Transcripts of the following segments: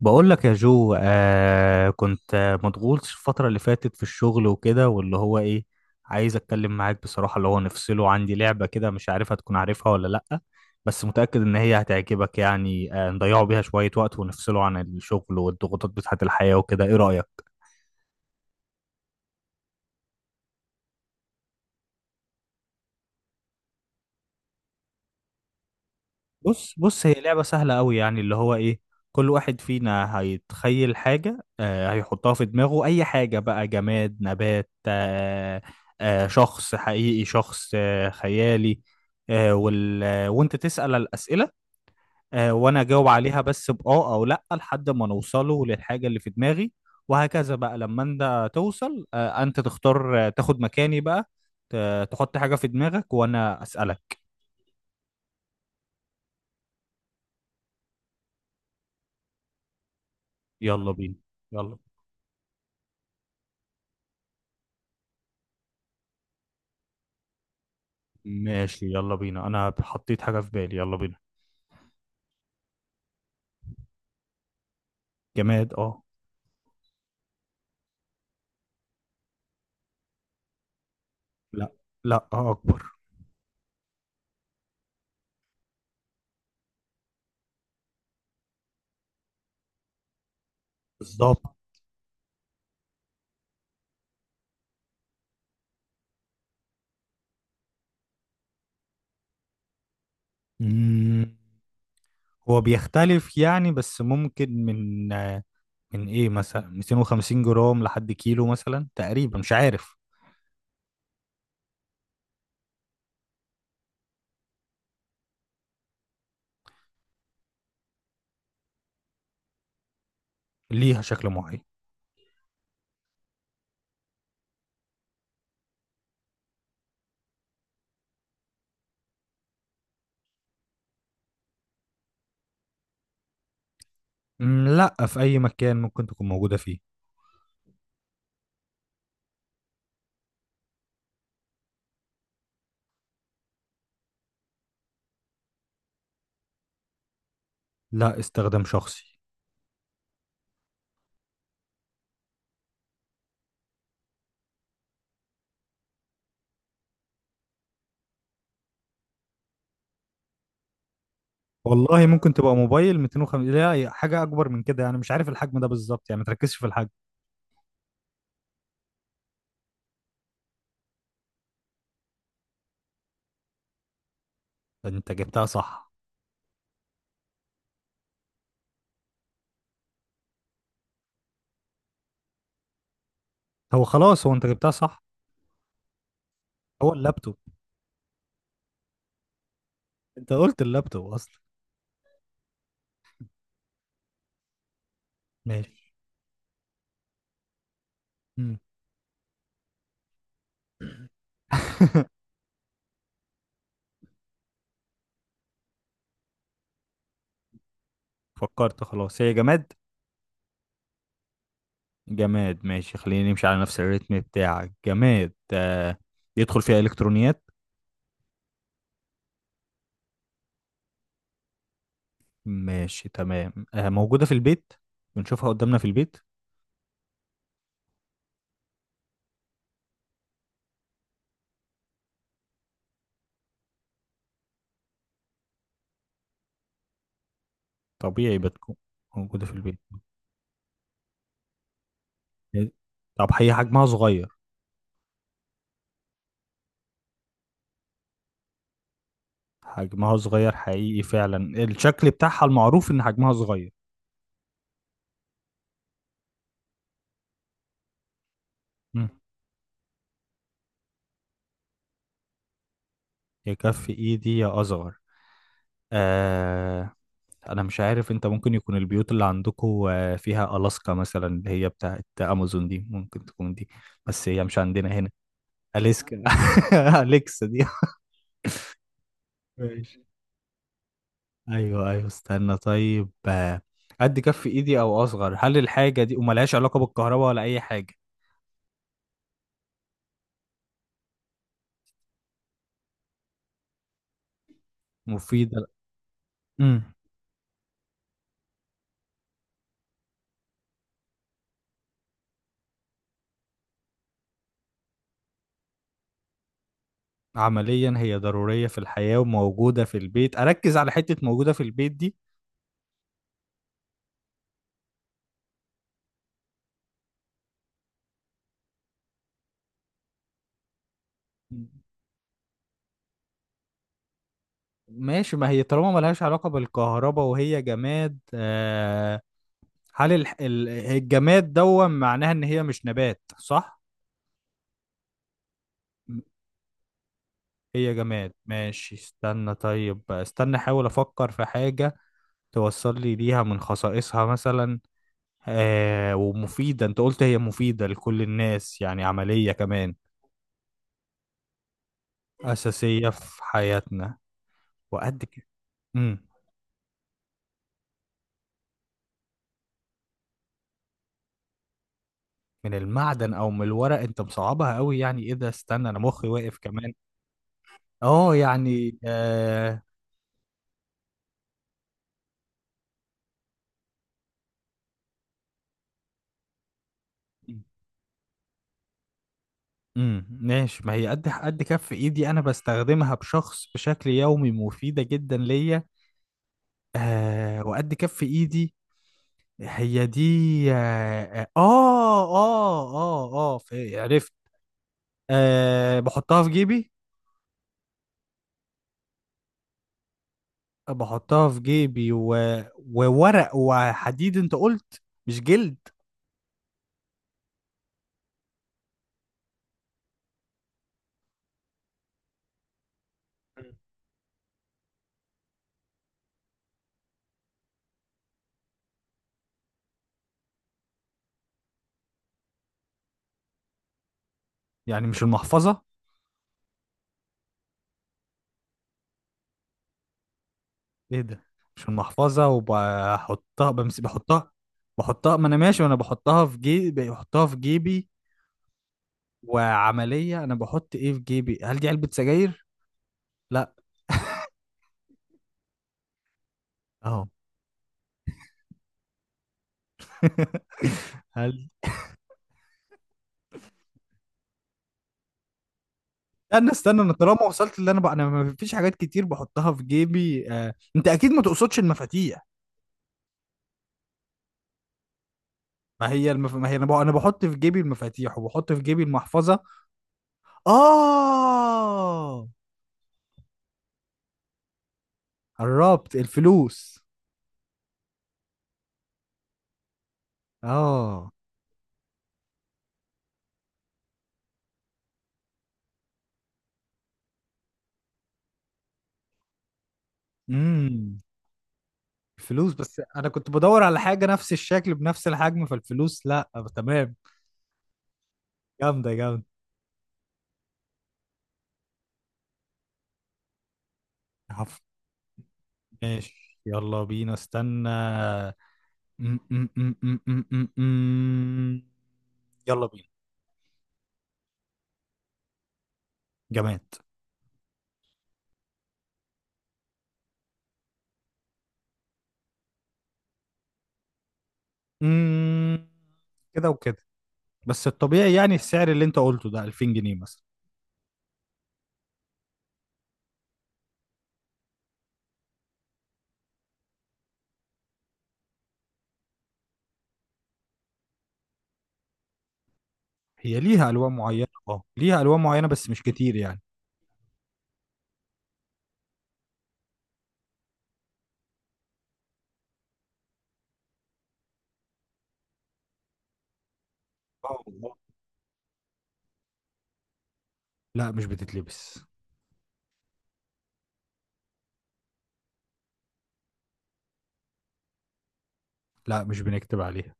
بقول لك يا جو، آه كنت آه، مضغوط الفترة اللي فاتت في الشغل وكده، واللي هو ايه، عايز اتكلم معاك بصراحة. اللي هو نفصله، عندي لعبة كده مش عارف هتكون عارفها ولا لأ، بس متأكد ان هي هتعجبك. يعني، نضيعوا بيها شوية وقت ونفصله عن الشغل والضغوطات بتاعة الحياة وكده. ايه رأيك؟ بص، هي لعبة سهلة قوي. يعني اللي هو ايه، كل واحد فينا هيتخيل حاجة، هيحطها في دماغه، اي حاجة بقى: جماد، نبات، شخص حقيقي، شخص خيالي، آه وال... آه، وانت تسأل الأسئلة، وانا اجاوب عليها بس بآه او لأ لحد ما نوصله للحاجة اللي في دماغي. وهكذا بقى، لما انت توصل انت تختار، تاخد مكاني بقى، تحط حاجة في دماغك وانا أسألك. يلا بينا. يلا. ماشي يلا بينا، انا حطيت حاجة في بالي، يلا بينا. جماد اه. لا. لا اه اكبر. بالظبط. مم، هو بيختلف يعني، بس ممكن من آه، من ايه مثلا 250 جرام لحد كيلو مثلا، تقريبا مش عارف. ليها شكل معين. لا، في اي مكان ممكن تكون موجودة فيه. لا، استخدام شخصي. والله ممكن تبقى موبايل، 250 لا هي حاجة اكبر من كده. انا مش عارف الحجم ده بالظبط، يعني ما تركزش في الحجم. انت جبتها صح. هو خلاص، هو انت جبتها صح. هو اللابتوب. انت قلت اللابتوب اصلا. ماشي. مم. فكرت خلاص، هي جماد. جماد ماشي، خلينا نمشي على نفس الريتم بتاعك. جماد يدخل فيها إلكترونيات. ماشي تمام. موجودة في البيت، بنشوفها قدامنا في البيت. طبيعي بتكون موجودة في البيت. طب هي حجمها صغير. حجمها صغير حقيقي فعلا، الشكل بتاعها المعروف إن حجمها صغير. مم. يكفي إيدي يا أصغر. آه انا مش عارف، انت ممكن يكون البيوت اللي عندكم فيها الاسكا مثلا اللي هي بتاعت امازون دي، ممكن تكون دي. بس هي مش عندنا هنا. اليسكا. اليكسا دي. ماشي. ايوه ايوه، استنى طيب. قد كف ايدي او اصغر، هل الحاجه دي وملهاش علاقه بالكهرباء ولا اي حاجه؟ مفيده. امم. عمليا هي ضروريه في الحياه وموجوده في البيت، اركز على حته موجوده في البيت دي. ماشي، ما هي طالما ملهاش علاقه بالكهرباء وهي جماد. الجماد دون معناها ان هي مش نبات صح؟ م- هي جماد ماشي. استنى طيب، احاول افكر في حاجة توصل لي ليها من خصائصها مثلا. ومفيدة، انت قلت هي مفيدة لكل الناس، يعني عملية كمان. أساسية في حياتنا وقد كده. امم. من المعدن او من الورق، انت مصعبها قوي. يعني ايه ده، استنى انا مخي واقف كمان. اه يعني. ماشي، ما هي قد قد كف ايدي، انا بستخدمها بشخص بشكل يومي، مفيده جدا ليا وقد كف ايدي. هي دي. عرفت. بحطها في جيبي. بحطها في جيبي وورق وحديد انت قلت، مش جلد. مم. يعني مش المحفظه. ايه ده، مش المحفظه، وبحطها بمس بحطها. ما انا ماشي وانا بحطها في جيبي، بحطها في جيبي وعملية. أنا بحط إيه في جيبي؟ هل دي علبة سجاير؟ لا. أهو. هل استنى استنى، أنا طالما وصلت اللي أنا بقى أنا، ما فيش حاجات كتير بحطها في جيبي. أنت أكيد ما تقصدش المفاتيح؟ ما هي أنا، أنا بحط في جيبي المفاتيح وبحط في جيبي المحفظة. آه قربت الفلوس. آه. امم. الفلوس. بس أنا كنت بدور على حاجة نفس الشكل بنفس الحجم، فالفلوس لا، تمام. جامدة جامدة. ماشي يلا بينا، استنى. م- م- م- م- م- م- م. يلا بينا. جماد. م- كده وكده، بس الطبيعي يعني السعر اللي انت قلته ده 2000 جنيه مثلا. هي ليها الوان معينه، اه ليها الوان معينه بس مش كتير يعني. اه آه. لا مش بتتلبس. لا مش بنكتب عليها.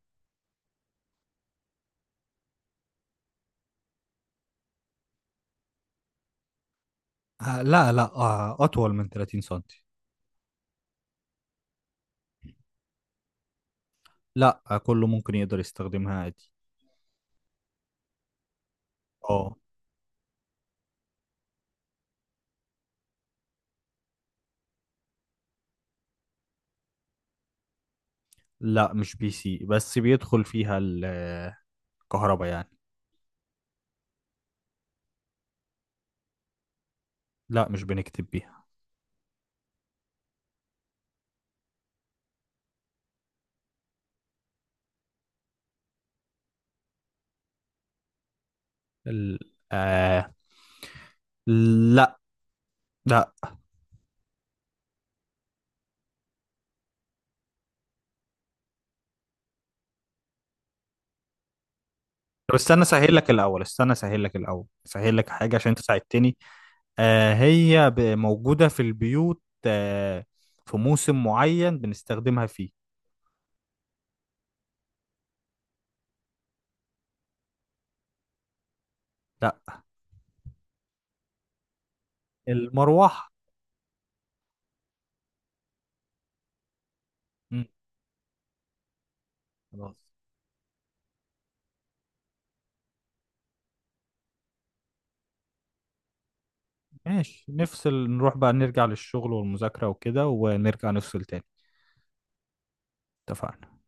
لا، اطول من 30 سنتي. لا آه كله ممكن يقدر يستخدمها عادي. اه. لا مش بي سي، بس بيدخل فيها الكهرباء يعني. لا مش بنكتب بيها. ال... آه... لا. لا. طب استنى اسهل لك الاول، اسهل لك حاجه عشان انت ساعدتني. هي موجوده في البيوت، في موسم معين بنستخدمها فيه. لا. المروحه. مم، خلاص ماشي. نفصل نروح بقى نرجع للشغل والمذاكره وكده، ونرجع نفصل تاني. اتفقنا.